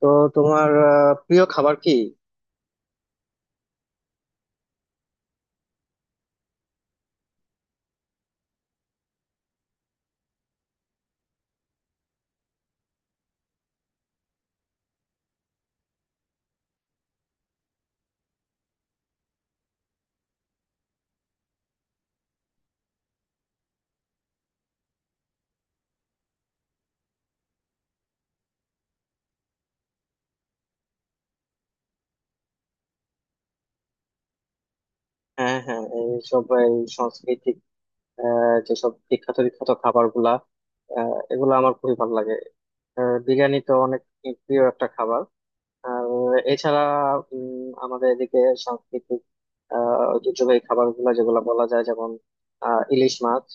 তো তোমার প্রিয় খাবার কি? হ্যাঁ, হ্যাঁ, এইসব এই সাংস্কৃতিক যেসব বিখ্যাত বিখ্যাত খাবার গুলা এগুলো আমার খুবই ভালো লাগে। বিরিয়ানি তো অনেক প্রিয় একটা খাবার। আর এছাড়া আমাদের এদিকে সাংস্কৃতিক ঐতিহ্যবাহী খাবার গুলা, যেগুলো বলা যায়, যেমন ইলিশ মাছ,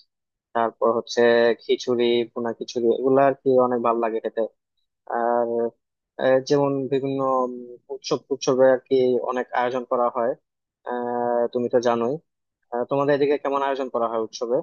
তারপর হচ্ছে খিচুড়ি, ভুনা খিচুড়ি— এগুলো আর কি অনেক ভালো লাগে খেতে। আর যেমন বিভিন্ন উম, উৎসব উৎসবে আর কি অনেক আয়োজন করা হয়। তুমি তো জানোই। তোমাদের এদিকে কেমন আয়োজন করা হয় উৎসবে?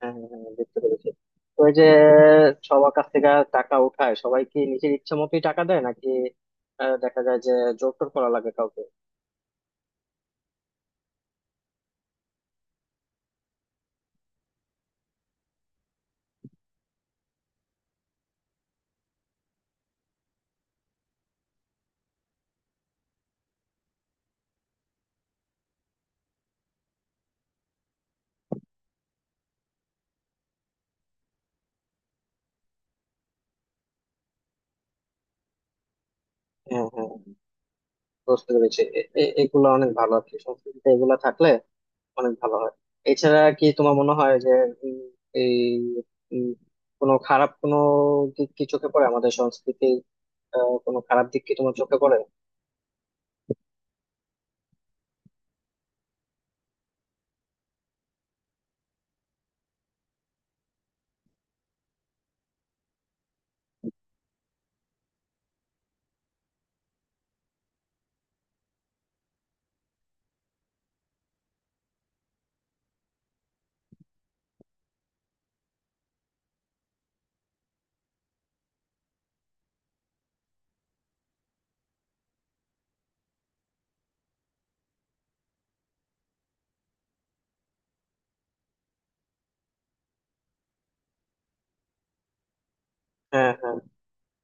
হ্যাঁ, হ্যাঁ, হ্যাঁ, বুঝতে পেরেছি। তো ওই যে সবার কাছ থেকে টাকা উঠায়, সবাই কি নিজের ইচ্ছে মতোই টাকা দেয়, নাকি দেখা যায় যে জোর টোর করা লাগে কাউকে? হ্যাঁ, হ্যাঁ, বুঝতে পেরেছি। এগুলো অনেক ভালো আর কি, সংস্কৃতিতে এগুলা থাকলে অনেক ভালো হয়। এছাড়া কি তোমার মনে হয় যে উম, এই উম, কোনো খারাপ কোনো দিক কি চোখে পড়ে আমাদের সংস্কৃতির? কোনো খারাপ দিক কি তোমার চোখে পড়ে? হ্যাঁ, হ্যাঁ,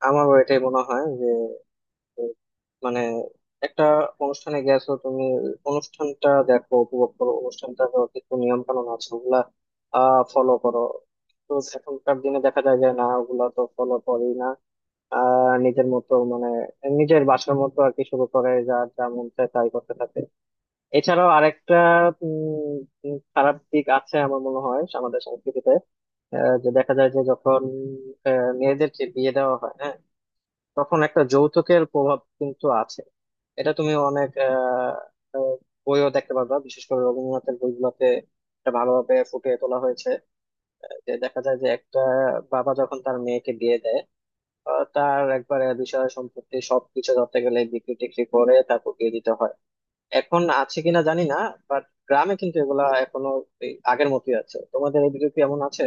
আমারও এটাই মনে হয় যে উম, মানে একটা অনুষ্ঠানে গেছো তুমি, অনুষ্ঠানটা দেখো, উপভোগ করো অনুষ্ঠানটা। কিছু নিয়ম কানুন আছে, ওগুলা ফলো করো। তো এখনকার দিনে দেখা যায় যে না, ওগুলা তো ফলো করি না। নিজের মতো, মানে নিজের বাসার মতো আর কি শুরু করে, যা যা মন চায় তাই করতে থাকে। এছাড়াও আরেকটা উম, উম, খারাপ দিক আছে আমার মনে হয় আমাদের সংস্কৃতিতে। যে দেখা যায় যে যখন মেয়েদের যে বিয়ে দেওয়া হয়, হ্যাঁ, তখন একটা যৌতুকের প্রভাব কিন্তু আছে। এটা তুমি অনেক আহ, আহ, বইও দেখতে পারবা, বিশেষ করে রবীন্দ্রনাথের বইগুলোতে এটা ভালোভাবে ফুটিয়ে তোলা হয়েছে। যে দেখা যায় যে একটা বাবা যখন তার মেয়েকে বিয়ে দেয়, তার একবারে বিষয় সম্পত্তি সবকিছু ধরতে গেলে বিক্রি টিক্রি করে তারপর দিয়ে দিতে হয়। এখন আছে কিনা জানি না, বাট গ্রামে কিন্তু এগুলা এখনো এই আগের মতোই আছে। তোমাদের এদিকে কি এমন আছে?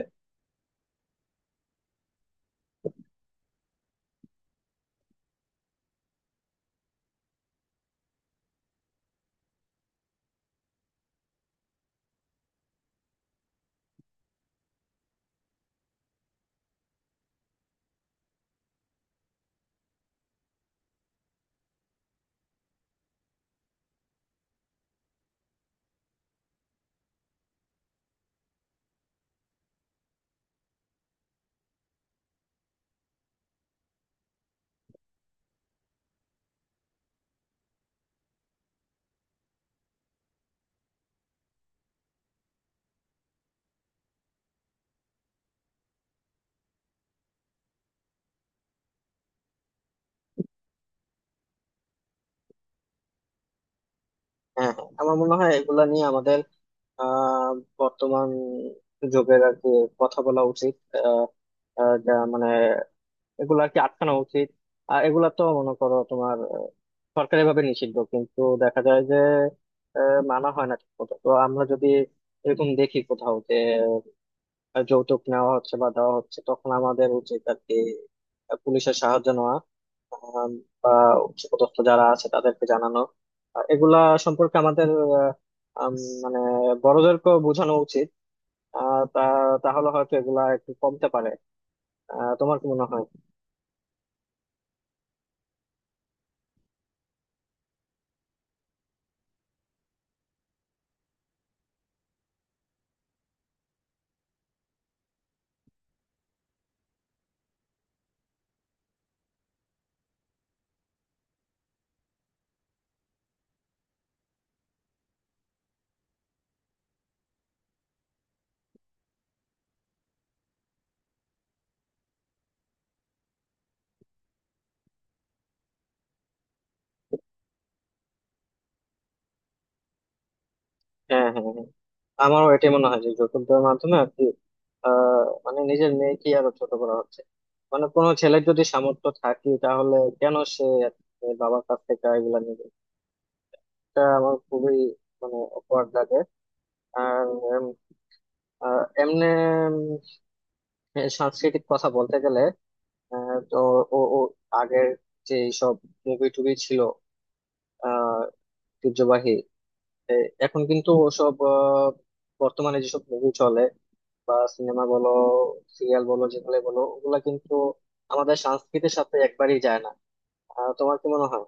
হ্যাঁ, হ্যাঁ, আমার মনে হয় এগুলা নিয়ে আমাদের আহ বর্তমান যুগের আর কি কথা বলা উচিত। আহ আহ, যা মানে এগুলো আর কি আটকানো উচিত। আর এগুলা তো মনে করো তোমার সরকারিভাবে নিষিদ্ধ, কিন্তু দেখা যায় যে মানা হয় না ঠিক মতো। তো আমরা যদি এরকম দেখি কোথাও যে যৌতুক নেওয়া হচ্ছে বা দেওয়া হচ্ছে, তখন আমাদের উচিত আর কি পুলিশের সাহায্য নেওয়া, আহ, বা উচ্চপদস্থ যারা আছে তাদেরকে জানানো। এগুলা সম্পর্কে আমাদের আহ, আম, মানে বড়দেরকেও বোঝানো উচিত। তা তাহলে হয়তো এগুলা একটু কমতে পারে। তোমার কি মনে হয়? হ্যাঁ, হ্যাঁ, হ্যাঁ। আমারও এটাই মনে হয় যে যৌতুকের মাধ্যমে আর কি মানে নিজের মেয়েকে আরো ছোট করা হচ্ছে। মানে কোনো ছেলের যদি সামর্থ্য থাকে, তাহলে কেন সে আর কি তার বাবার কাছ থেকে এগুলা নেবে? এটা আমার খুবই মানে অকওয়ার্ড লাগে। আর উম, এমনে সাংস্কৃতিক কথা বলতে গেলে তো ও ও আগের যে সব মুভি টুভি ছিল আহ ঐতিহ্যবাহী, এখন কিন্তু ওসব বর্তমানে যেসব মুভি চলে, বা সিনেমা বলো সিরিয়াল বলো যেগুলো বলো ওগুলা কিন্তু আমাদের সংস্কৃতির সাথে একবারই যায় না। তোমার কি মনে হয়?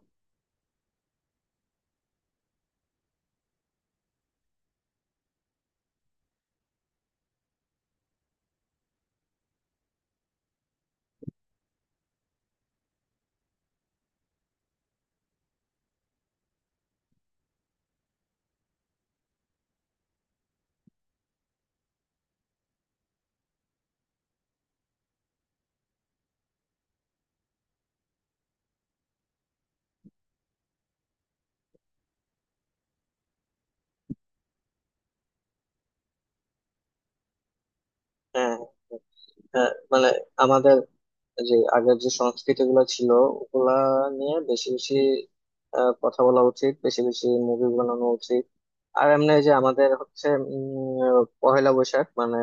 হ্যাঁ, হ্যাঁ, মানে আমাদের যে আগের যে সংস্কৃতি গুলো ছিল ওগুলা নিয়ে বেশি বেশি কথা বলা উচিত, বেশি বেশি মুভি বানানো উচিত। আর এমনি যে আমাদের হচ্ছে পহেলা বৈশাখ, মানে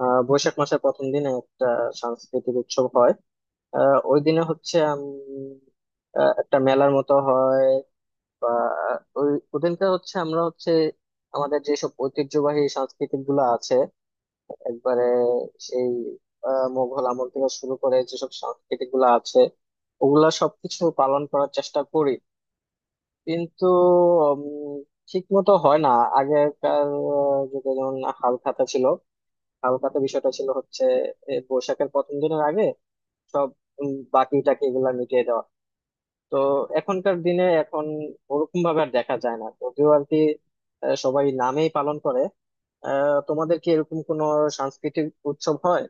বৈশাখ মাসের প্রথম দিনে একটা সাংস্কৃতিক উৎসব হয়। ওই দিনে হচ্ছে উম, একটা মেলার মতো হয়, বা ওই ওদিনকে হচ্ছে আমরা হচ্ছে আমাদের যেসব ঐতিহ্যবাহী সাংস্কৃতিক গুলা আছে, একবারে সেই মোঘল আমল থেকে শুরু করে যেসব সাংস্কৃতিক গুলা আছে, ওগুলা সবকিছু পালন করার চেষ্টা করি, কিন্তু ঠিক মতো হয় না। আগেকার যুগে যেমন হাল খাতা ছিল। হাল খাতা বিষয়টা ছিল হচ্ছে বৈশাখের প্রথম দিনের আগে সব বাকি টাকি এগুলা মিটিয়ে দেওয়া। তো এখনকার দিনে এখন ওরকম ভাবে আর দেখা যায় না যদিও আর কি। সবাই নামেই পালন করে। তোমাদের কি এরকম কোনো সাংস্কৃতিক উৎসব হয়?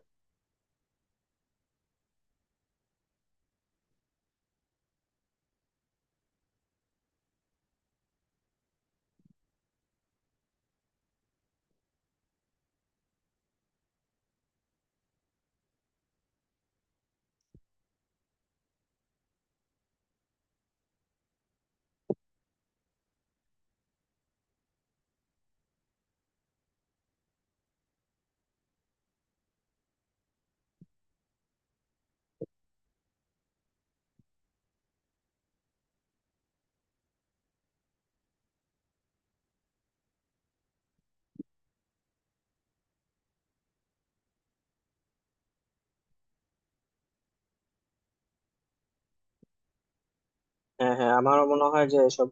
হ্যাঁ, হ্যাঁ, আমারও মনে হয় যে এসব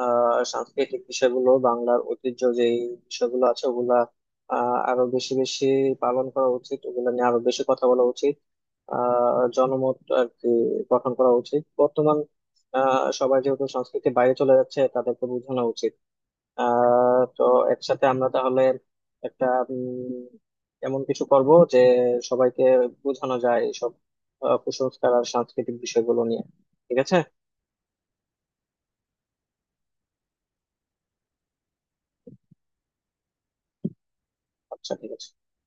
সাংস্কৃতিক বিষয়গুলো, বাংলার ঐতিহ্য যে বিষয়গুলো আছে, ওগুলা আরো বেশি বেশি পালন করা উচিত, ওগুলো নিয়ে আরো বেশি কথা বলা উচিত। জনমত আর কি গঠন করা উচিত। বর্তমান সবাই যেহেতু সংস্কৃতির বাইরে চলে যাচ্ছে, তাদেরকে বোঝানো উচিত। তো একসাথে আমরা তাহলে একটা উম, এমন কিছু করব যে সবাইকে বোঝানো যায় এইসব কুসংস্কার আর সাংস্কৃতিক বিষয়গুলো নিয়ে। ঠিক আছে? আচ্ছা, ঠিক আছে।